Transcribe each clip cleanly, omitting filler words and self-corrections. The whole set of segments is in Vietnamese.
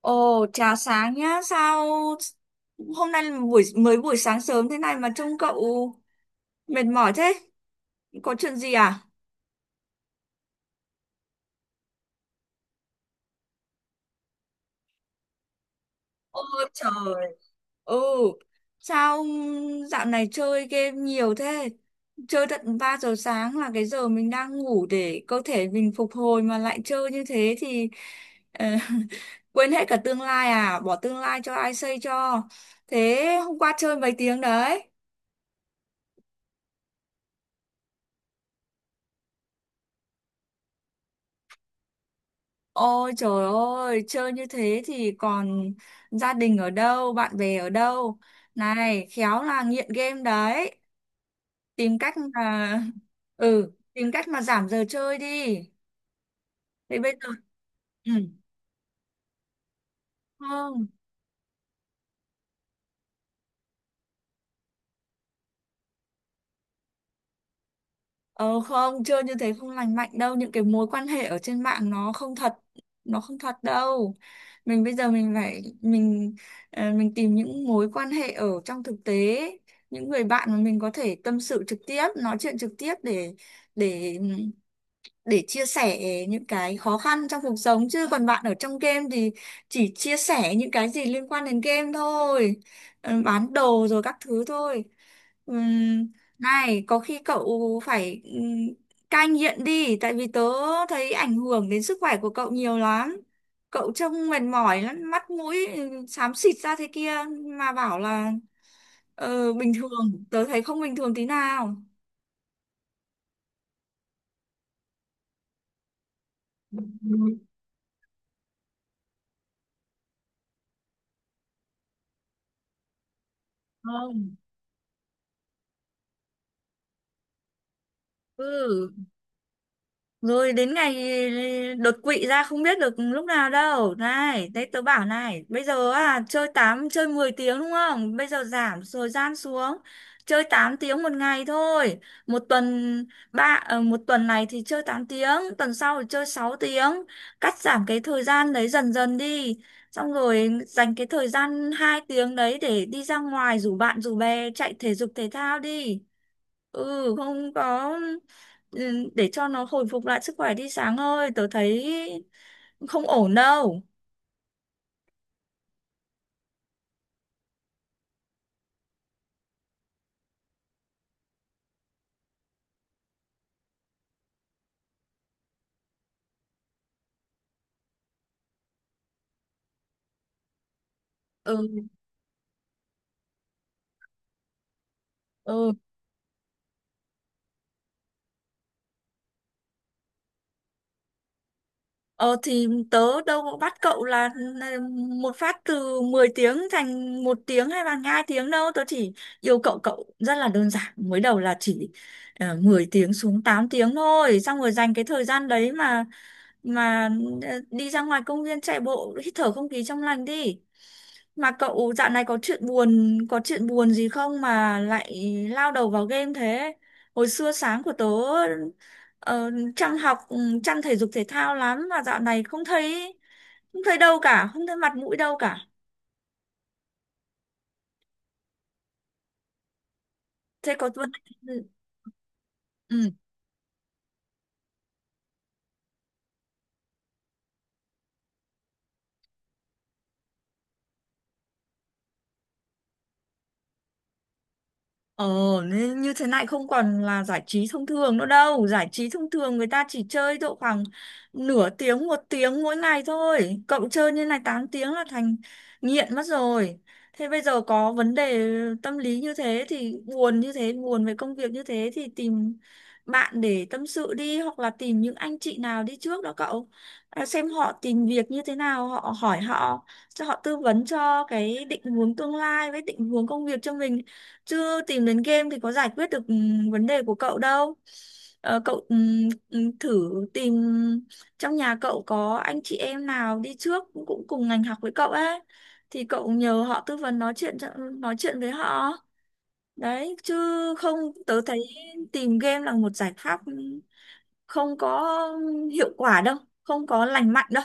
Ồ, chào sáng nhá. Sao hôm nay là buổi sáng sớm thế này mà trông cậu mệt mỏi thế? Có chuyện gì à? Ôi trời. Ừ. Sao dạo này chơi game nhiều thế? Chơi tận 3 giờ sáng là cái giờ mình đang ngủ để cơ thể mình phục hồi mà lại chơi như thế thì ờ, quên hết cả tương lai à? Bỏ tương lai cho ai xây cho. Thế hôm qua chơi mấy tiếng đấy? Ôi trời ơi, chơi như thế thì còn gia đình ở đâu, bạn bè ở đâu. Này, khéo là nghiện game đấy. Tìm cách mà Tìm cách mà giảm giờ chơi đi. Thế bây giờ. Ừ. Không. Ờ không, chơi như thế không lành mạnh đâu, những cái mối quan hệ ở trên mạng nó không thật đâu. Mình bây giờ mình phải mình mình tìm những mối quan hệ ở trong thực tế, những người bạn mà mình có thể tâm sự trực tiếp, nói chuyện trực tiếp để để chia sẻ những cái khó khăn trong cuộc sống, chứ còn bạn ở trong game thì chỉ chia sẻ những cái gì liên quan đến game thôi. Ờ, bán đồ rồi các thứ thôi. Ừm, Này có khi cậu phải cai nghiện đi, tại vì tớ thấy ảnh hưởng đến sức khỏe của cậu nhiều lắm, cậu trông mệt mỏi lắm, mắt mũi xám xịt ra thế kia mà bảo là bình thường, tớ thấy không bình thường tí nào. Ừ. Không ừ rồi đến ngày đột quỵ ra không biết được lúc nào đâu. Này đấy tớ bảo này, bây giờ chơi tám, chơi 10 tiếng đúng không, bây giờ giảm thời gian xuống, chơi 8 tiếng 1 ngày thôi. Một tuần một tuần này thì chơi 8 tiếng tuần sau thì chơi 6 tiếng cắt giảm cái thời gian đấy dần dần đi, xong rồi dành cái thời gian 2 tiếng đấy để đi ra ngoài rủ bạn rủ bè chạy thể dục thể thao đi. Ừ không có ừ, Để cho nó hồi phục lại sức khỏe đi, sáng ơi tớ thấy không ổn đâu. ừ ừ Ờ thì tớ đâu có bắt cậu là một phát từ 10 tiếng thành 1 tiếng hay là 2 tiếng đâu. Tớ chỉ yêu cậu cậu rất là đơn giản. Mới đầu là chỉ 10 tiếng xuống 8 tiếng thôi. Xong rồi dành cái thời gian đấy mà đi ra ngoài công viên chạy bộ hít thở không khí trong lành đi. Mà cậu dạo này có chuyện buồn gì không mà lại lao đầu vào game thế? Hồi xưa sáng của tớ. Ờ, Trang học, Trang thể dục thể thao lắm mà dạo này không thấy, không thấy đâu cả, không thấy mặt mũi đâu cả, thế có vấn. ừ. Ờ, nên như thế này không còn là giải trí thông thường nữa đâu. Giải trí thông thường người ta chỉ chơi độ khoảng nửa tiếng, một tiếng mỗi ngày thôi. Cậu chơi như này 8 tiếng là thành nghiện mất rồi. Thế bây giờ có vấn đề tâm lý như thế thì buồn như thế, buồn về công việc như thế thì tìm bạn để tâm sự đi, hoặc là tìm những anh chị nào đi trước đó cậu. À, xem họ tìm việc như thế nào, họ hỏi họ cho họ tư vấn cho cái định hướng tương lai với định hướng công việc cho mình. Chứ tìm đến game thì có giải quyết được vấn đề của cậu đâu. Ờ, cậu thử tìm trong nhà cậu có anh chị em nào đi trước cũng cũng cùng ngành học với cậu ấy, thì cậu nhờ họ tư vấn, nói chuyện nói chuyện với họ. Đấy, chứ không tớ thấy tìm game là một giải pháp không có hiệu quả đâu, không có lành mạnh đâu.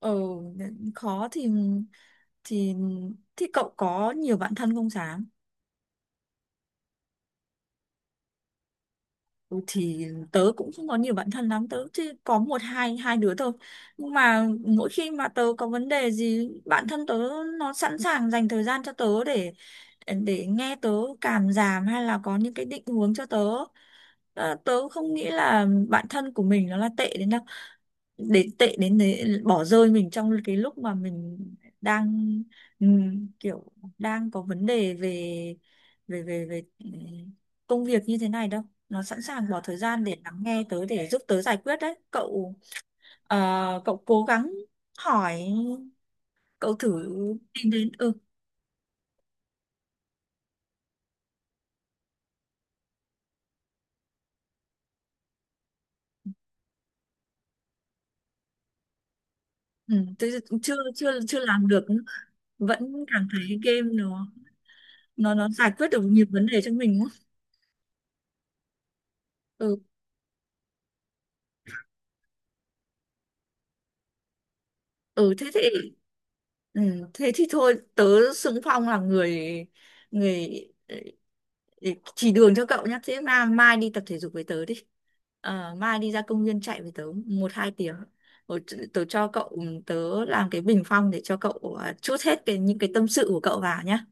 Ừ, khó thì thì cậu có nhiều bạn thân không Sáng? Ừ, thì tớ cũng không có nhiều bạn thân lắm, tớ chỉ có một, hai hai đứa thôi, nhưng mà mỗi khi mà tớ có vấn đề gì, bạn thân tớ nó sẵn sàng dành thời gian cho tớ để nghe tớ cảm giảm hay là có những cái định hướng cho tớ. Ờ, tớ không nghĩ là bạn thân của mình nó là tệ đến đâu đến tệ đến đấy bỏ rơi mình trong cái lúc mà mình đang kiểu đang có vấn đề về về về về công việc như thế này đâu, nó sẵn sàng bỏ thời gian để lắng nghe tớ, để giúp tớ giải quyết đấy cậu. ờ, Cậu cố gắng hỏi, cậu thử tìm đến, ừ tớ chưa chưa chưa làm được, vẫn cảm thấy game nó giải quyết được nhiều vấn đề cho mình quá. ừ ừ thế thì ừ, Thế thì thôi tớ xưng Phong là người người ừ, để chỉ đường cho cậu nhá. Thế mà mai đi tập thể dục với tớ đi. Ờ, mai đi ra công viên chạy với tớ một hai tiếng. Rồi tớ cho cậu tớ làm cái bình phong để cho cậu trút hết cái những cái tâm sự của cậu vào nhá.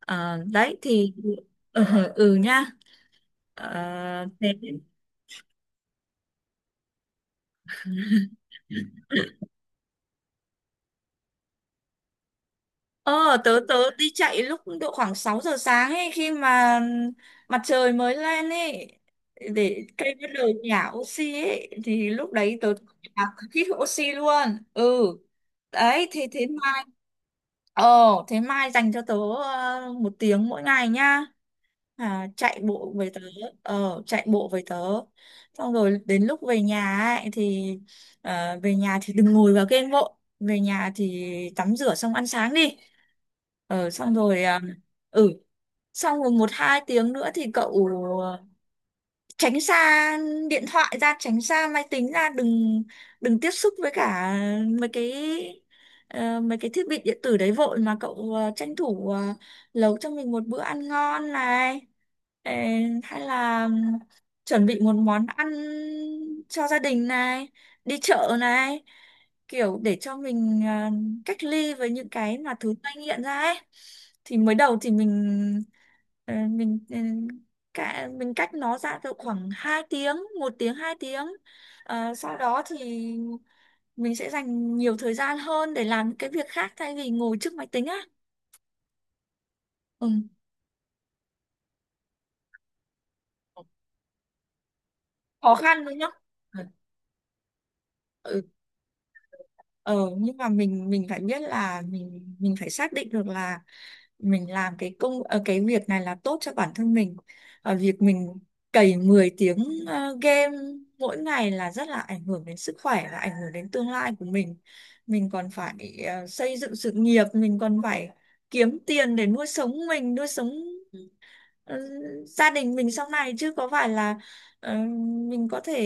Ờ, đấy thì ừ, ừ nhá. Ờ, thế. Ờ, tớ tớ đi chạy lúc độ khoảng 6 giờ sáng ấy, khi mà mặt trời mới lên ấy, để cây bắt đầu nhả oxy ấy, thì lúc đấy tớ nhả hít oxy luôn. Ừ. Đấy, thế thế mai, ờ thế mai dành cho tớ 1 tiếng mỗi ngày nhá. À, chạy bộ với tớ, ờ chạy bộ với tớ xong rồi đến lúc về nhà ấy thì về nhà thì đừng ngồi vào game, bộ về nhà thì tắm rửa xong ăn sáng đi. Ờ, xong rồi, ừ xong rồi một hai tiếng nữa thì cậu ờ, tránh xa điện thoại ra, tránh xa máy tính ra, đừng đừng tiếp xúc với cả mấy cái mấy cái thiết bị điện tử đấy vội, mà cậu tranh thủ nấu cho mình một bữa ăn ngon này. Ờ, hay là chuẩn bị một món ăn cho gia đình này, đi chợ này, kiểu để cho mình cách ly với những cái mà thứ gây nghiện ra ấy. Thì mới đầu thì mình ờ, mình ừ, cả mình cách nó ra được khoảng 2 tiếng, một tiếng, 2 tiếng. Ờ, sau đó thì mình sẽ dành nhiều thời gian hơn để làm những cái việc khác thay vì ngồi trước máy tính á. ừ. Khó khăn đúng không? Ừ. ờ nhưng mà mình phải biết là mình phải xác định được là mình làm cái cái việc này là tốt cho bản thân mình. Ờ, việc mình cày 10 tiếng game mỗi ngày là rất là ảnh hưởng đến sức khỏe và ảnh hưởng đến tương lai của mình còn phải xây dựng sự nghiệp, mình còn phải kiếm tiền để nuôi sống mình, nuôi sống ờ, gia đình mình sau này, chứ có phải là ờ, mình có thể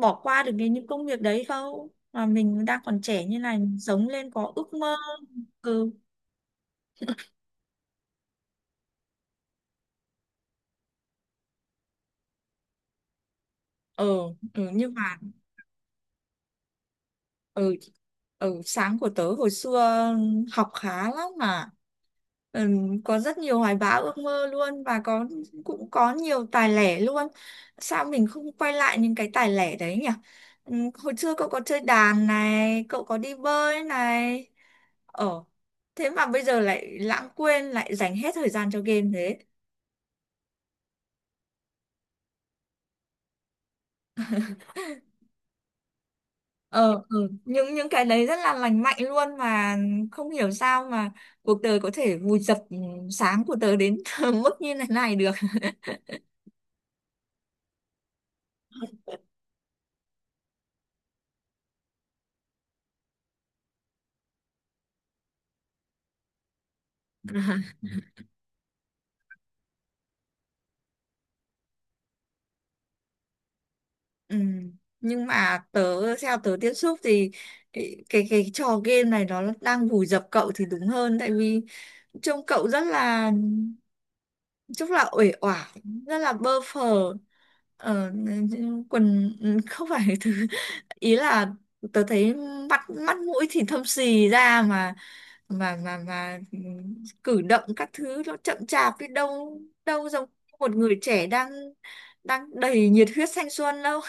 bỏ qua được cái những công việc đấy không. Mà mình đang còn trẻ như này mình sống lên có ước mơ. ừ ừ, nhưng mà ừ sáng của tớ hồi xưa học khá lắm mà, ừ, có rất nhiều hoài bão ước mơ luôn, và cũng có nhiều tài lẻ luôn. Sao mình không quay lại những cái tài lẻ đấy nhỉ? ừ, Hồi xưa cậu có chơi đàn này, cậu có đi bơi này. ờ Thế mà bây giờ lại lãng quên, lại dành hết thời gian cho game thế? Ờ ừ. những cái đấy rất là lành mạnh luôn mà, không hiểu sao mà cuộc đời có thể vùi dập sáng của tớ đến mức như thế này được. Ừ. Nhưng mà theo tớ tiếp xúc thì cái trò game này nó đang vùi dập cậu thì đúng hơn, tại vì trông cậu rất là uể oải, rất là bơ phờ. ờ, quần, không phải thứ, ý là tớ thấy mắt mắt mũi thì thâm xì ra, mà cử động các thứ nó chậm chạp, biết đâu đâu giống một người trẻ đang đang đầy nhiệt huyết thanh xuân đâu.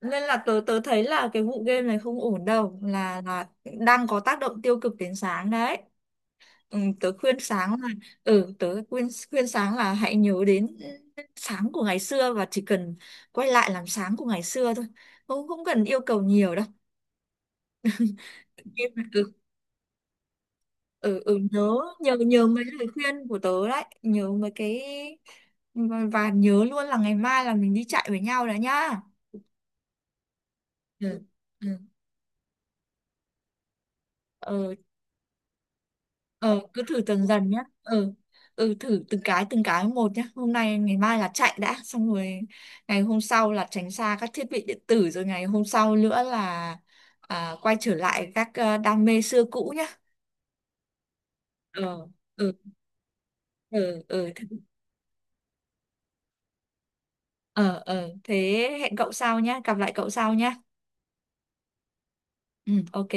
Nên là tớ tớ thấy là cái vụ game này không ổn đâu, là đang có tác động tiêu cực đến sáng đấy. Tớ khuyên sáng là ừ tớ khuyên khuyên sáng là hãy nhớ đến sáng của ngày xưa, và chỉ cần quay lại làm sáng của ngày xưa thôi, không không cần yêu cầu nhiều đâu. Ừ nhớ nhớ nhớ mấy lời khuyên của tớ đấy, nhớ mấy cái, và nhớ luôn là ngày mai là mình đi chạy với nhau đó nhá. Ừ ừ ờ ờ, cứ thử dần dần nhá. Ừ Thử từng cái một nhá, hôm nay ngày mai là chạy đã xong rồi. Ngày hôm sau là tránh xa các thiết bị điện tử, rồi ngày hôm sau nữa là quay trở lại các đam mê xưa cũ nhá. Ờ ừ ừ ừ thế-. Ờ Thế hẹn cậu sau nhá, gặp lại cậu sau nhá. Ừ, ok.